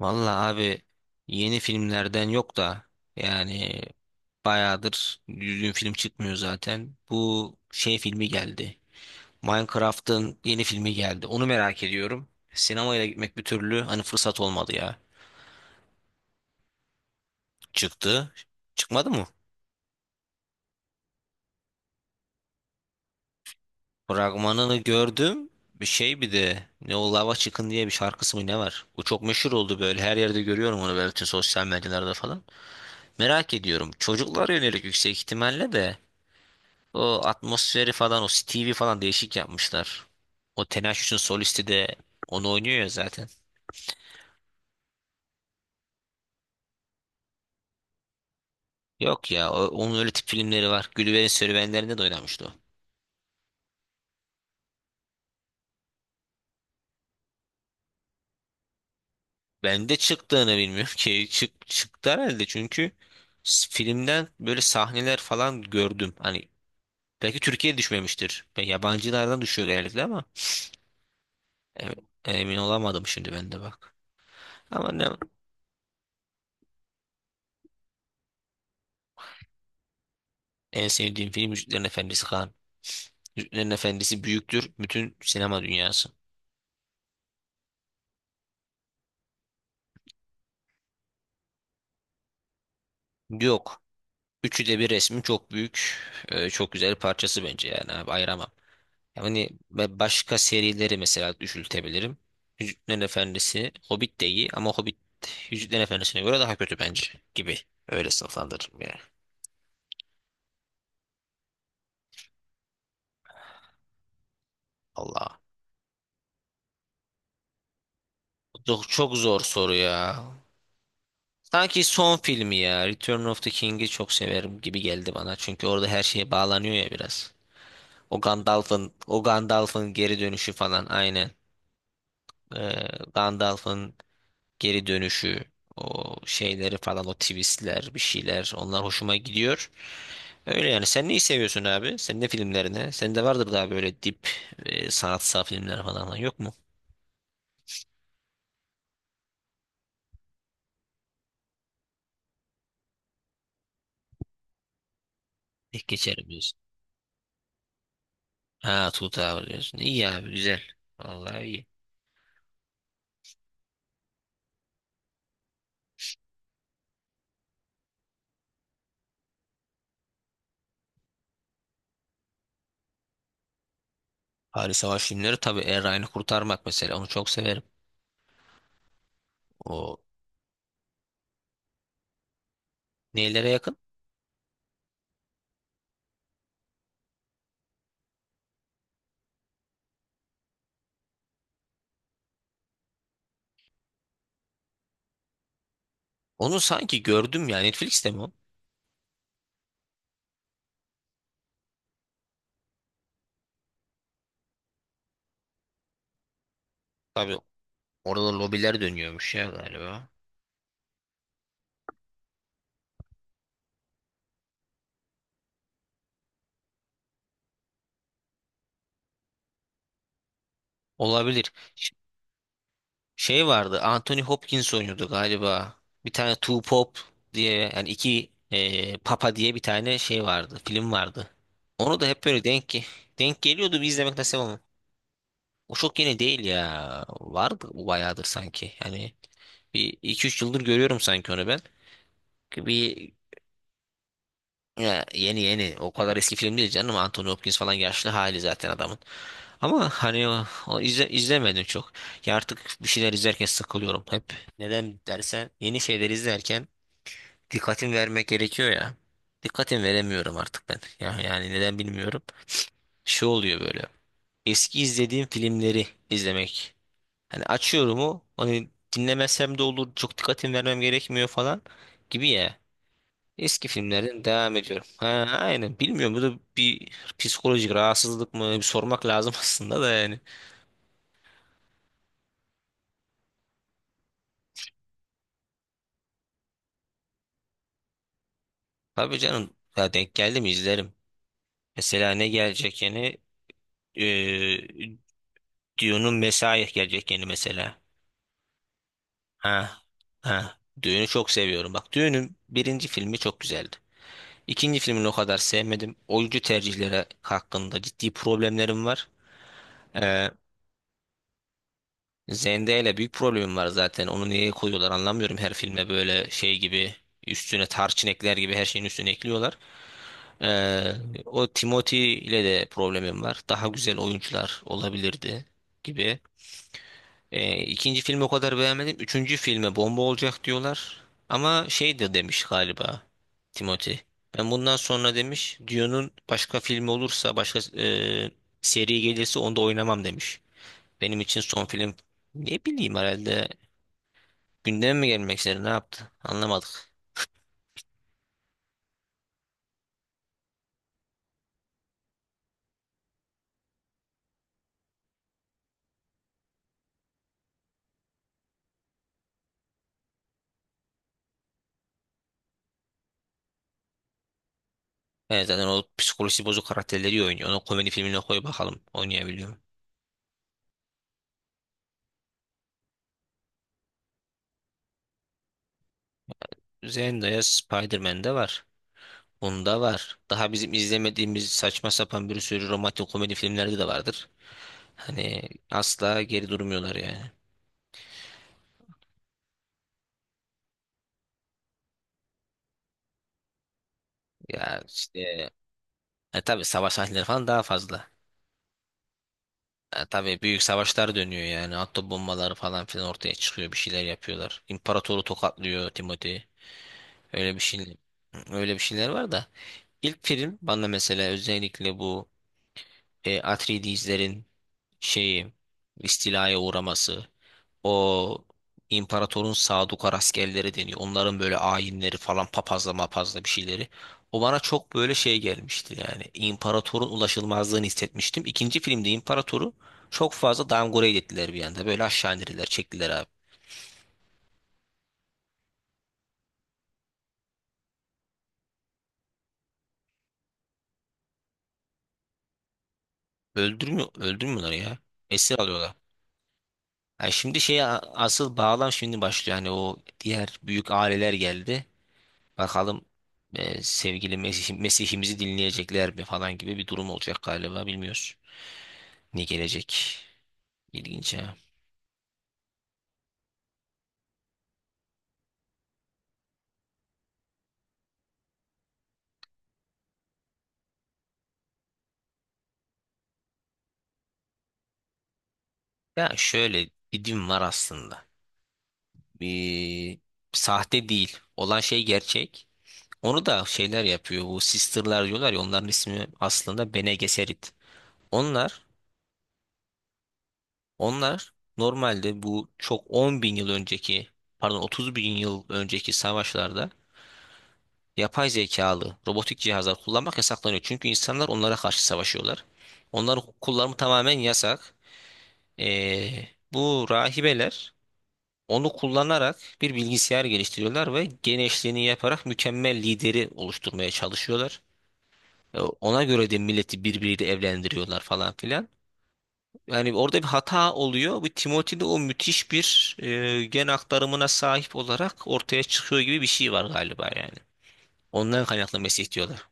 Vallahi abi yeni filmlerden yok da yani bayağıdır düzgün film çıkmıyor zaten. Bu şey filmi geldi. Minecraft'ın yeni filmi geldi. Onu merak ediyorum. Sinemaya da gitmek bir türlü hani fırsat olmadı ya. Çıktı. Çıkmadı mı? Fragmanını gördüm. Bir şey bir de ne o lava çıkın diye bir şarkısı mı ne var? Bu çok meşhur oldu böyle. Her yerde görüyorum onu böyle bütün sosyal medyalarda falan. Merak ediyorum. Çocuklara yönelik yüksek ihtimalle de. O atmosferi falan o Stevie falan değişik yapmışlar. O Tenacious solisti de onu oynuyor ya zaten. Yok ya onun öyle tip filmleri var. Gulliver'in Serüvenlerinde de oynamıştı o. Ben de çıktığını bilmiyorum ki. Çıktı herhalde çünkü filmden böyle sahneler falan gördüm. Hani belki Türkiye'ye düşmemiştir. Ben yabancılardan düşüyor genellikle ama em- emin olamadım şimdi ben de bak. Ama ne, en sevdiğim film Yüzüklerin Efendisi Kaan. Yüzüklerin Efendisi büyüktür bütün sinema dünyası. Yok. Üçü de bir resmi çok büyük, çok güzel bir parçası bence yani abi ayıramam. Yani ve başka serileri mesela düşültebilirim. Yüzüklerin Efendisi, Hobbit de iyi ama Hobbit Yüzüklerin Efendisi'ne göre daha kötü bence gibi. Öyle sınıflandırırım ya. Allah. Çok, çok zor soru ya. Sanki son filmi ya. Return of the King'i çok severim gibi geldi bana. Çünkü orada her şeye bağlanıyor ya biraz. O Gandalf'ın geri dönüşü falan aynen. Ee, Gandalf'ın geri dönüşü, o şeyleri falan, o twistler, bir şeyler onlar hoşuma gidiyor. Öyle yani. Sen neyi seviyorsun abi? Senin ne filmlerini. Senin de vardır daha böyle dip sanatsal filmler falan yok mu? Tek geçerim diyorsun. Ha Tuğut abi diyorsun. İyi abi güzel. Vallahi iyi. Paris Savaş filmleri tabii Er Ryan'ı kurtarmak mesela onu çok severim. O nelere yakın? Onu sanki gördüm ya Netflix'te mi o? Tabii orada lobiler dönüyormuş ya galiba. Olabilir. Şey vardı. Anthony Hopkins oynuyordu galiba. Bir tane Two Pop diye yani iki Papa diye bir tane şey vardı. Film vardı. Onu da hep böyle denk geliyordu. Bir izlemek nasip ama. O çok yeni değil ya. Vardı bu bayağıdır sanki. Yani bir iki üç yıldır görüyorum sanki onu ben. Bir ya yeni yeni. O kadar eski film değil canım. Anthony Hopkins falan yaşlı hali zaten adamın. Ama hani o izlemedim çok. Ya artık bir şeyler izlerken sıkılıyorum hep. Neden dersen yeni şeyler izlerken dikkatim vermek gerekiyor ya. Dikkatim veremiyorum artık ben. Ya, yani neden bilmiyorum. Şey oluyor böyle. Eski izlediğim filmleri izlemek. Hani açıyorum o. Hani dinlemesem de olur. Çok dikkatim vermem gerekmiyor falan gibi ya. Eski filmlerden devam ediyorum. Ha, aynen. Bilmiyorum bu da bir psikolojik rahatsızlık mı? Bir sormak lazım aslında da yani. Tabii canım ya denk geldim izlerim. Mesela ne gelecek yeni? Ee, Dune'un Messiah gelecek yeni mesela. Ha. Ha. Dune'u çok seviyorum. Bak Dune'un birinci filmi çok güzeldi. İkinci filmini o kadar sevmedim. Oyuncu tercihleri hakkında ciddi problemlerim var. Ee, Zendaya ile büyük problemim var zaten. Onu niye koyuyorlar anlamıyorum. Her filme böyle şey gibi üstüne tarçın ekler gibi her şeyin üstüne ekliyorlar. Ee, o Timothy ile de problemim var. Daha güzel oyuncular olabilirdi gibi. İkinci filmi o kadar beğenmedim. Üçüncü filme bomba olacak diyorlar. Ama şey de demiş galiba Timothy. Ben bundan sonra demiş Dune'un başka filmi olursa başka seri gelirse onda oynamam demiş. Benim için son film ne bileyim herhalde gündeme mi gelmek istedi ne yaptı anlamadık. Evet zaten o psikolojisi bozuk karakterleri iyi oynuyor. Onu komedi filmine koy bakalım oynayabiliyor mu? Zendaya Spider-Man'de var. Bunda var. Daha bizim izlemediğimiz saçma sapan bir sürü romantik komedi filmlerde de vardır. Hani asla geri durmuyorlar yani. Ya işte tabii savaş sahneleri falan daha fazla. Tabii büyük savaşlar dönüyor yani. Atom bombaları falan filan ortaya çıkıyor. Bir şeyler yapıyorlar. İmparatoru tokatlıyor Timothy. Öyle bir şey öyle bir şeyler var da. İlk film bana mesela özellikle bu Atreides'lerin şeyi istilaya uğraması, o imparatorun Sadukar askerleri deniyor. Onların böyle ayinleri falan papazla mapazla bir şeyleri. O bana çok böyle şey gelmişti yani. İmparatorun ulaşılmazlığını hissetmiştim. İkinci filmde imparatoru çok fazla downgrade ettiler bir anda. Böyle aşağı indirdiler, çektiler abi. Öldürmüyor, öldürmüyorlar ya. Esir alıyorlar. Yani şimdi şeye asıl bağlam şimdi başlıyor. Hani o diğer büyük aileler geldi. Bakalım sevgili Mesih, Mesih'imizi dinleyecekler mi falan gibi bir durum olacak galiba bilmiyoruz. Ne gelecek? İlginç ya. Ya şöyle bir din var aslında. Bir sahte değil. Olan şey gerçek. Onu da şeyler yapıyor. Bu sisterlar diyorlar ya onların ismi aslında Bene Gesserit. Onlar, onlar normalde bu çok 10 bin yıl önceki pardon 30 bin yıl önceki savaşlarda yapay zekalı robotik cihazlar kullanmak yasaklanıyor. Çünkü insanlar onlara karşı savaşıyorlar. Onları kullanımı tamamen yasak. Bu rahibeler onu kullanarak bir bilgisayar geliştiriyorlar ve genişliğini yaparak mükemmel lideri oluşturmaya çalışıyorlar. Ona göre de milleti birbiriyle evlendiriyorlar falan filan. Yani orada bir hata oluyor. Bu Timothy'de o müthiş bir gen aktarımına sahip olarak ortaya çıkıyor gibi bir şey var galiba yani. Ondan kaynaklı Mesih diyorlar.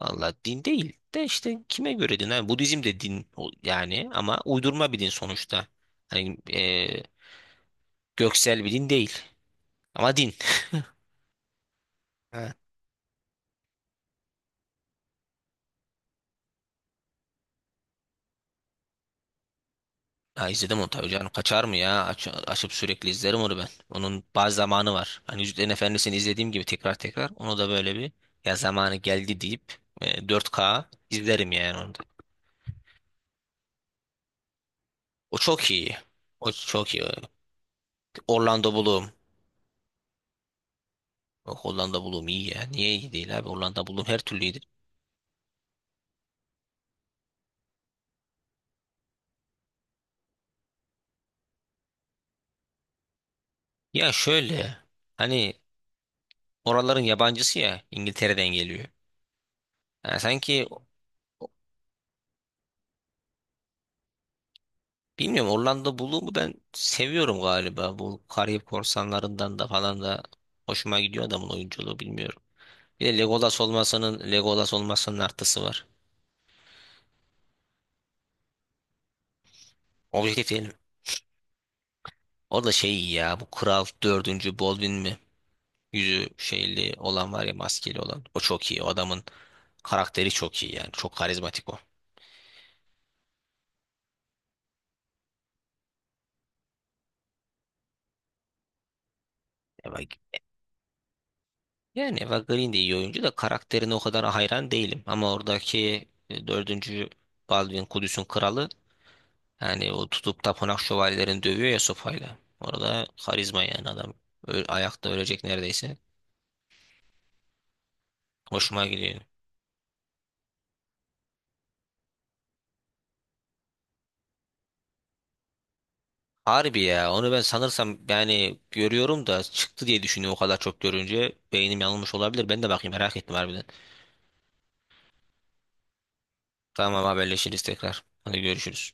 Valla din değil de işte kime göre din? Hani Budizm de din yani ama uydurma bir din sonuçta. Hani göksel bir din değil ama din. Ha. Ha, izledim onu tabii canım. Kaçar mı ya? Açıp sürekli izlerim onu ben. Onun bazı zamanı var. Hani Yüzüklerin Efendisi'ni izlediğim gibi tekrar tekrar. Onu da böyle bir ya zamanı geldi deyip 4K izlerim yani onu da. O çok iyi. O çok iyi. Orlando Bloom. Bak Orlando Bloom iyi ya. Niye iyi değil abi? Orlando Bloom her türlü iyi. Ya şöyle hani oraların yabancısı ya İngiltere'den geliyor. Yani sanki bilmiyorum Orlando Bloom'u ben seviyorum galiba. Bu Karayip Korsanlarından da falan da hoşuma gidiyor adamın oyunculuğu bilmiyorum. Bir de Legolas olmasının artısı var. Objektif diyelim. O da şey iyi ya bu Kral Dördüncü Baldwin mi? Yüzü şeyli olan var ya maskeli olan. O çok iyi. O adamın karakteri çok iyi yani. Çok karizmatik o. Yani Eva Green de iyi oyuncu da karakterine o kadar hayran değilim. Ama oradaki dördüncü Baldwin Kudüs'ün kralı yani o tutup tapınak şövalyelerini dövüyor ya sopayla. Orada karizma yani adam. Ayakta ölecek neredeyse. Hoşuma gidiyor. Harbi ya onu ben sanırsam yani görüyorum da çıktı diye düşünüyorum o kadar çok görünce. Beynim yanılmış olabilir. Ben de bakayım merak ettim harbiden. Tamam haberleşiriz tekrar. Hadi görüşürüz.